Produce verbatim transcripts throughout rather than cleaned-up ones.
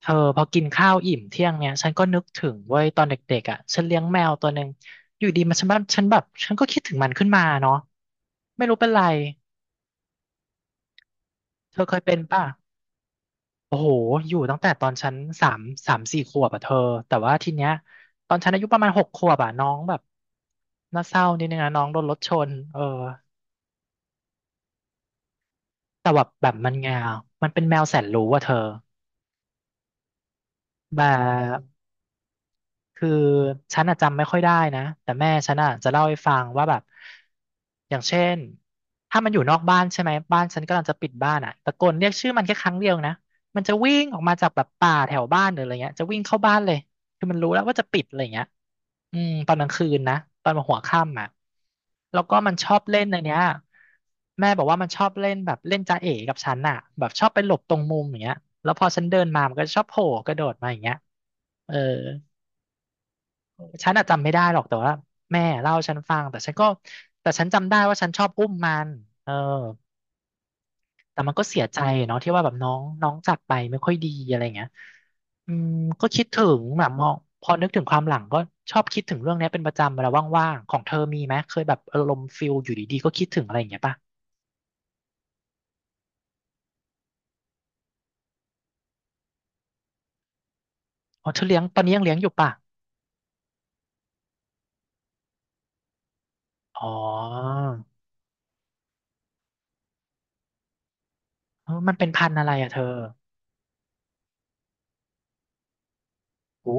เธอพอกินข้าวอิ่มเที่ยงเนี่ยฉันก็นึกถึงเว้ยตอนเด็กๆอ่ะฉันเลี้ยงแมวตัวหนึ่งอยู่ดีมันฉันแบบฉันแบบฉันก็คิดถึงมันขึ้นมาเนาะไม่รู้เป็นไรเธอเคยเป็นป่ะโอ้โหอยู่ตั้งแต่ตอนฉันสามสามสี่ขวบอ่ะเธอแต่ว่าทีเนี้ยตอนฉันอายุประมาณหกขวบอ่ะน้องแบบน่าเศร้านิดนึงนะน้องโดนรถชนเออแต่แบบแบบมันไงามันเป็นแมวแสนรู้อ่ะเธอแบบ คือฉันอะจำไม่ค่อยได้นะแต่แม่ฉันอะจะเล่าให้ฟังว่าแบบอย่างเช่นถ้ามันอยู่นอกบ้านใช่ไหมบ้านฉันกำลังจะปิดบ้านอะตะโกนเรียกชื่อมันแค่ครั้งเดียวนะมันจะวิ่งออกมาจากแบบป่าแถวบ้านหรืออะไรเงี้ยจะวิ่งเข้าบ้านเลยคือมันรู้แล้วว่าจะปิดอะไรเงี้ยอืมตอนกลางคืนนะตอนหัวค่ำอ่ะแล้วก็มันชอบเล่นอันเนี้ยแม่บอกว่ามันชอบเล่นแบบเล่นจ๊ะเอ๋กับฉันอ่ะแบบชอบไปหลบตรงมุมอย่างเงี้ยแล้วพอฉันเดินมามันก็ชอบโผล่กระโดดมาอย่างเงี้ยเออ ฉันอะจำไม่ได้หรอกแต่ว่าแม่เล่าให้ฉันฟังแต่ฉันก็แต่ฉันจำได้ว่าฉันชอบอุ้มมันเออแต่มันก็เสียใจเนาะที่ว่าแบบน้องน้องจากไปไม่ค่อยดีอะไรเงี้ยอืมก็คิดถึงแบบมองพอนึกถึงความหลังก็ชอบคิดถึงเรื่องเนี้ยเป็นประจำเวลาว่างๆของเธอมีไหมเคยแบบอารมณ์ฟิลอยู่ดีๆก็คิดถึงอะไรอย่างเงี้ยป่ะอ๋อเธอเลี้ยงตอนนี้ยังเลี้ยงอยู่ป่ะอ๋อเออมันเป็นพันธุ์อะไรอะเธอโอ้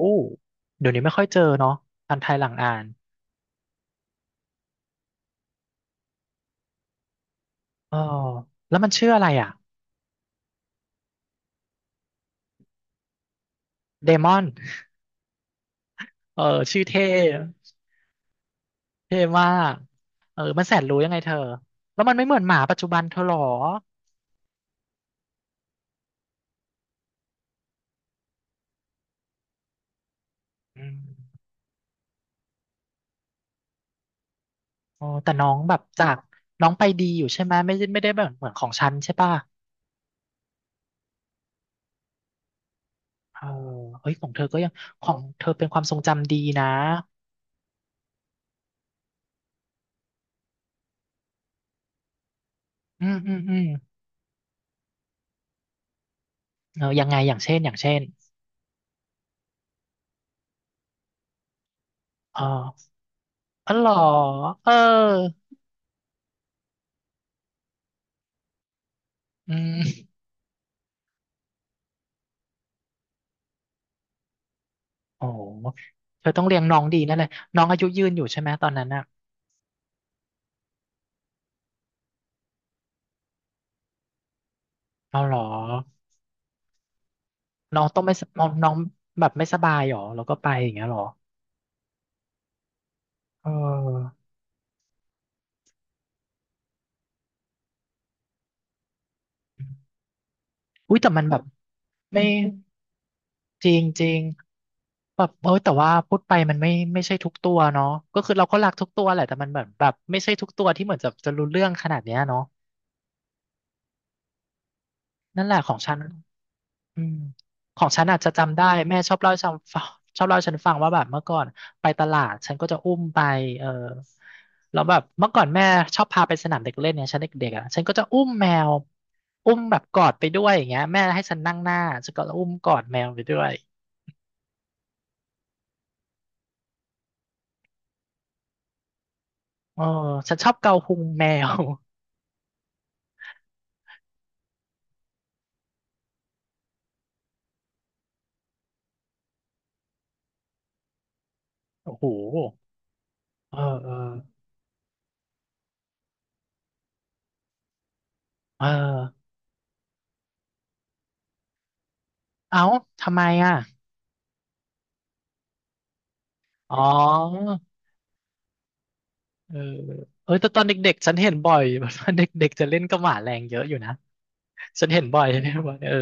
เดี๋ยวนี้ไม่ค่อยเจอเนาะพันธุ์ไทยหลังอ่านเออแล้วมันชื่ออะไรอ่ะ เดมอนเออชื่อเท่เท่มากเออมันแสนรู้ยังไงเธอแล้วมันไม่เหมือนหมาปัจจุบันเธอหรออืมโอ้แต่น้องแบบจากน้องไปดีอยู่ใช่ไหมไม่ได้ไม่ได้แบบเหมือนของฉันใช่ป่ะเออเฮ้ยของเธอก็ยังของเธอเป็นความทรงจำดีนะอืมอืมอืมเออยังไงอย่างเช่นอย่างเช่นเอออ๋อเหรอเอออืมโอ้เธอต้องเลี้ยงน้องดีนั่นเลยน้องอายุยืนอยู่ใช่ไหมตอนนั้นอ่ะเอาเหรอ น้องต้องไม่สน้องน้องแบบไม่สบายหรอแล้วก็ไปอย่างเงี้ยหรอเอออุ้ยแต่มันแบบไม่จริงจริงแบบเออแต่ว่าพูดไปมันไม่ไม่ใช่ทุกตัวเนาะก็คือเราก็รักทุกตัวแหละแต่มันแบบแบบไม่ใช่ทุกตัวที่เหมือนจะจะรู้เรื่องขนาดเนี้ยเนาะนั่นแหละของฉัน อืมของฉันอาจจะจำได้แม่ชอบเล่าให้ฉันฟัง ชอบเล่าให้ฉันฟังว่าแบบเมื่อก่อนไปตลาดฉันก็จะอุ้มไปเออแล้วแบบเมื่อก่อนแม่ชอบพาไปสนามเด็กเล่นเนี่ยฉันเด็กๆอ่ะฉันก็จะอุ้มแมวอุ้มแบบกอดไปด้วยอย่างเงี้ยแม่ให้ฉันนั่งหน้าฉันก็อุ้มกอดแมวไปด้วยเออฉันชอบเกาพุงแมว โอ้โหเออเออเออเอ้าทำไมอ่ะอ๋อเออเออแต่ตอนเด็กๆฉันเห็นบ่อย แบบว่าเด็กๆจะเล่นกับหมาแรงเยอะอยู่นะ ฉันเห็นบ่อยฉันเห็นบ่อยเออ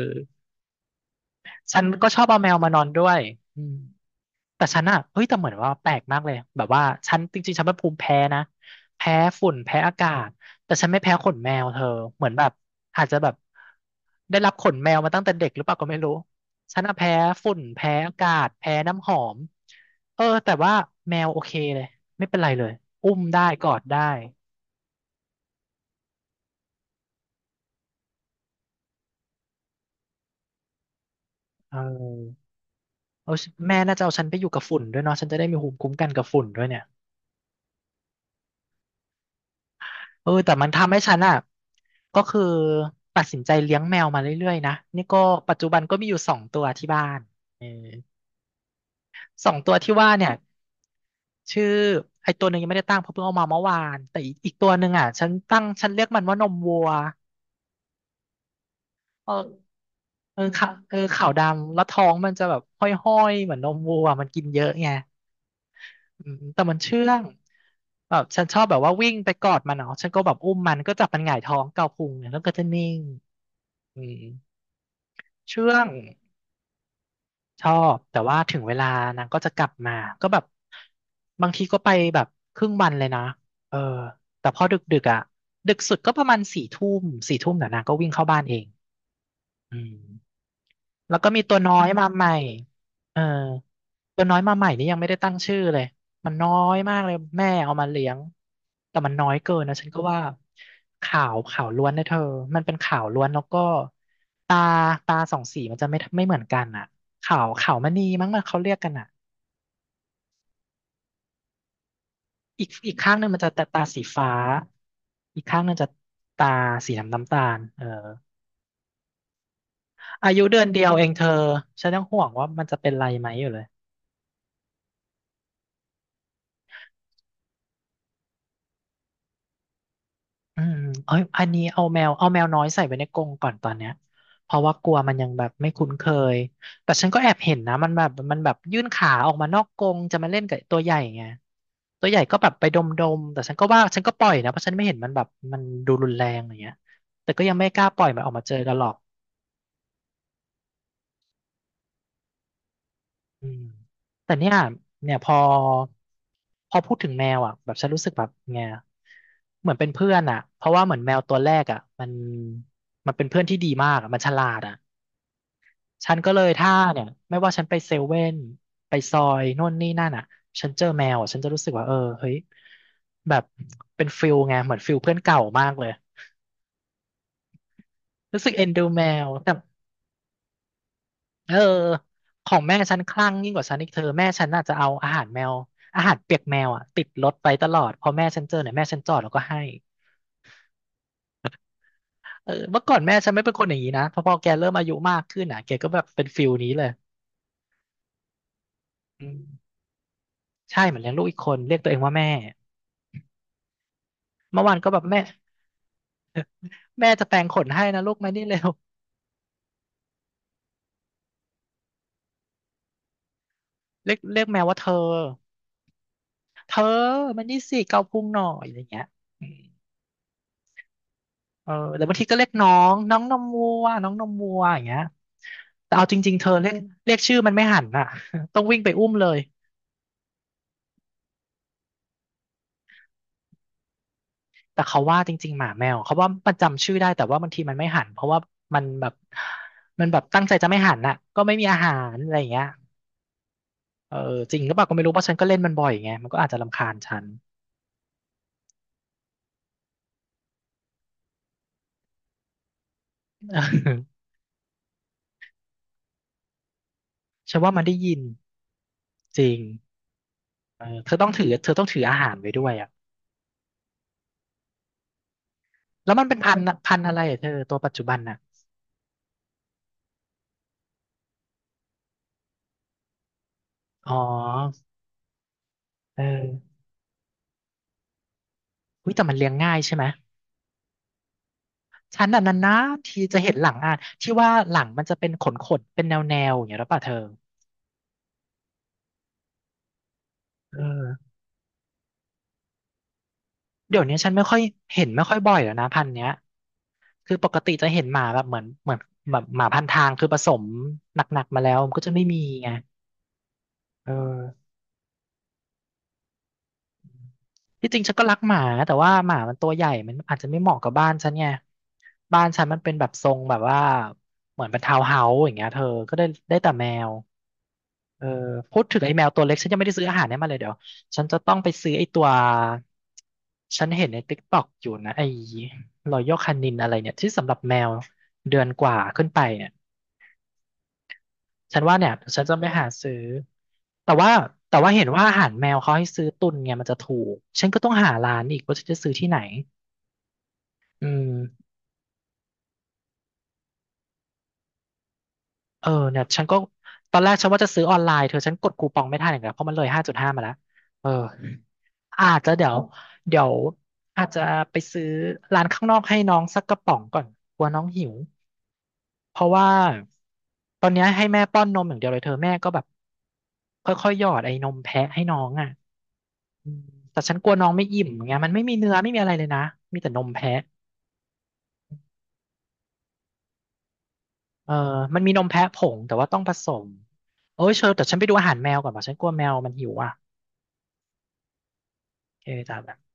ฉันก็ชอบเอาแมวมานอนด้วยอืมแต่ฉันอะเฮ้ยแต่เหมือนว่าแปลกมากเลยแบบว่าฉันจริงๆฉันเป็นภูมิแพ้นะแพ้ฝุ่นแพ้อากาศแต่ฉันไม่แพ้ขนแมวเธอเหมือนแบบอาจจะแบบได้รับขนแมวมาตั้งแต่เด็กหรือเปล่าก็ไม่รู้ฉันอะแพ้ฝุ่นแพ้อากาศแพ้น้ำหอมเออแต่ว่าแมวโอเคเลยไม่เป็นไรเลยอุ้มได้กอดได้เออเอาแม่น่าจะเอาฉันไปอยู่กับฝุ่นด้วยเนาะฉันจะได้มีภูมิคุ้มกันกับฝุ่นด้วยเนี่ย เออแต่มันทำให้ฉันอ่ะก็คือตัดสินใจเลี้ยงแมวมาเรื่อยๆนะนี่ก็ปัจจุบันก็มีอยู่สองตัวที่บ้านเออสองตัวที่ว่าเนี่ยชื่อไอตัวหนึ่งยังไม่ได้ตั้งเพราะเพิ่งเอามาเมื่อวานแต่อีกอีกตัวหนึ่งอ่ะฉันตั้งฉันเรียกมันว่านมวัวเออเออขาเออขาวดำแล้วท้องมันจะแบบห้อยๆเหมือนนมวัวมันกินเยอะไงอืมแต่มันเชื่องแบบฉันชอบแบบว่าวิ่งไปกอดมันเนาะฉันก็แบบอุ้มมันก็จับมันหงายท้องเกาพุงเนี่ยแล้วก็จะนิ่งอืม เชื่องชอบแต่ว่าถึงเวลานางก็จะกลับมาก็แบบบางทีก็ไปแบบครึ่งวันเลยนะเออแต่พอดึกดึกอ่ะดึกสุดก็ประมาณสี่ทุ่มสี่ทุ่มเดี๋ยวนางก็วิ่งเข้าบ้านเองอืม แล้วก็มีตัวน้อยมาใหม่เออตัวน้อยมาใหม่นี่ยังไม่ได้ตั้งชื่อเลยมันน้อยมากเลยแม่เอามาเลี้ยงแต่มันน้อยเกินนะฉันก็ว่าขาวขาวล้วนนะเธอมันเป็นขาวล้วนแล้วก็ตาตาสองสีมันจะไม่ไม่เหมือนกันอ่ะขาวขาวมณีมั้งมันเขาเรียกกันอ่ะอีกอีกข้างหนึ่งมันจะตาตาสีฟ้า อีกข้างหนึ่งจะตาสีน้ำน้ำตาลเอออายุเดือนเดียวเองเธอฉันยังห่วงว่ามันจะเป็นไรไหมอยู่เลย อืมเอ้ยอันนี้เอาแมวเอาแมวน้อยใส่ไว้ในกรงก่อนตอนเนี้ยเพราะว่ากลัวมันยังแบบไม่คุ้นเคยแต่ฉันก็แอบเห็นนะมันแบบมันแบบยื่นขาออกมานอกกรงจะมาเล่นกับตัวใหญ่ไงตัวใหญ่ก็แบบไปดมๆแต่ฉันก็ว่าฉันก็ปล่อยนะเพราะฉันไม่เห็นมันแบบมันดูรุนแรงอย่างเงี้ยแต่ก็ยังไม่กล้าปล่อยมันออกมาเจอกันหรอก อืมแต่เนี่ยเนี่ยพอพอพูดถึงแมวอ่ะแบบฉันรู้สึกแบบไงเหมือนเป็นเพื่อนอ่ะเพราะว่าเหมือนแมวตัวแรกอ่ะมันมันเป็นเพื่อนที่ดีมากอะมันฉลาดอ่ะฉันก็เลยถ้าเนี่ยไม่ว่าฉันไปเซเว่นไปซอยโน่นนี่นั่นอ่ะฉันเจอแมวอ่ะฉันจะรู้สึกว่าเออเฮ้ยแบบเป็นฟิลไงเหมือนฟิลเพื่อนเก่ามากเลยรู้สึกเอ็นดูแมวแต่ เออของแม่ฉันคลั่งยิ่งกว่าฉันอีกเธอแม่ฉันน่าจะเอาอาหารแมวอาหารเปียกแมวอ่ะติดรถไปตลอดพอแม่ฉันเจอเนี่ยแม่ฉันจอดแล้วก็ให้เออเมื่อก่อนแม่ฉันไม่เป็นคนอย่างนี้นะพอพอแกเริ่มอายุมากขึ้นอ่ะแกก็แบบเป็นฟิลนี้เลยอืมใช่เหมือนเลี้ยงลูกอีกคนเรียกตัวเองว่าแม่เมื่อวานก็แบบแม่แม่จะแปรงขนให้นะลูกมานี่เร็วเรียกเรียกแมวว่าเธอเธอมันนี่สิเกาพุงหน่อยอะไรเงี้ย เออหรือบางทีก็เรียกน้องน้องนมวัวน้องนมวัวอย่างเงี้ยแต่เอาจริงๆเธอเรียกเรียกชื่อมันไม่หันอ่ะ ต้องวิ่งไปอุ้มเลย แต่เขาว่าจริงๆหมาแมวเขาว่ามันจำชื่อได้แต่ว่าบางทีมันไม่หันเพราะว่ามันแบบมันแบบตั้งใจจะไม่หันอ่ะก็ไม่มีอาหารอะไรอย่างเงี้ยเออจริงหรือเปล่าก็ไม่รู้เพราะฉันก็เล่นมันบ่อยไงมันก็อาจจะรำคาญฉัน ฉันว่ามันได้ยินจริงเออเธอต้องถือเธอต้องถืออาหารไว้ด้วยอ่ะแล้วมันเป็นพันธุ์อะพันธุ์อะไรอะเธอตัวปัจจุบันอ่ะอ๋อเออ อุ้ยแต่มันเลี้ยงง่ายใช่ไหมฉันน่ะนานๆทีจะเห็นหลังอ่านที่ว่าหลังมันจะเป็นขนๆเป็นแนวๆอย่างเงี้ยหรือเปล่าเธอเออเดี๋ยวนี้ฉันไม่ค่อยเห็นไม่ค่อยบ่อยแล้วนะพันธุ์เนี้ยคือปกติจะเห็นหมาแบบเหมือนเหมือนแบบหมาพันทางคือผสมหนักๆมาแล้วมันก็จะไม่มีไงเออที่จริงฉันก็รักหมาแต่ว่าหมามันตัวใหญ่มันอาจจะไม่เหมาะกับบ้านฉันไงบ้านฉันมันเป็นแบบทรงแบบว่าเหมือนเป็นทาวน์เฮาส์อย่างเงี้ยเธอก็ได้ได้แต่แมว เออพูดถึงไอ้แมวตัวเล็กฉันยังไม่ได้ซื้ออาหารให้มันเลยเดี๋ยวฉันจะต้องไปซื้อไอ้ตัวฉันเห็นในติ๊กต็อกอยู่นะไอ้รอยัลคานินอะไรเนี่ยที่สำหรับแมวเดือนกว่าขึ้นไปเนี่ยฉันว่าเนี่ยฉันจะไปหาซื้อแต่ว่าแต่ว่าเห็นว่าอาหารแมวเขาให้ซื้อตุนไงมันจะถูกฉันก็ต้องหาร้านอีกว่าฉันจะซื้อที่ไหนอืมเออเนี่ยฉันก็ตอนแรกฉันว่าจะซื้อออนไลน์เธอฉันกดคูปองไม่ทันอย่างเงี้ยเพราะมันเลยห้าจุดห้ามาแล้วเออ อาจจะเดี๋ยวเดี๋ยวอาจจะไปซื้อร้านข้างนอกให้น้องสักกระป๋องก่อนกลัวน้องหิวเพราะว่าตอนเนี้ยให้แม่ป้อนนมอย่างเดียวเลยเธอแม่ก็แบบค่อยๆหยอดไอ้นมแพะให้น้องอ่ะอืมแต่ฉันกลัวน้องไม่อิ่มไงเงี้ยมันไม่มีเนื้อไม่มีอะไรเลยนะมีแต่นมแพะเออมันมีนมแพะผงแต่ว่าต้องผสมโอ้ยเชอแต่ฉันไปดูอาหารแมวก่อนป่ะฉันกลัวแมวมันหิวอ่ะโอเคจ้ะ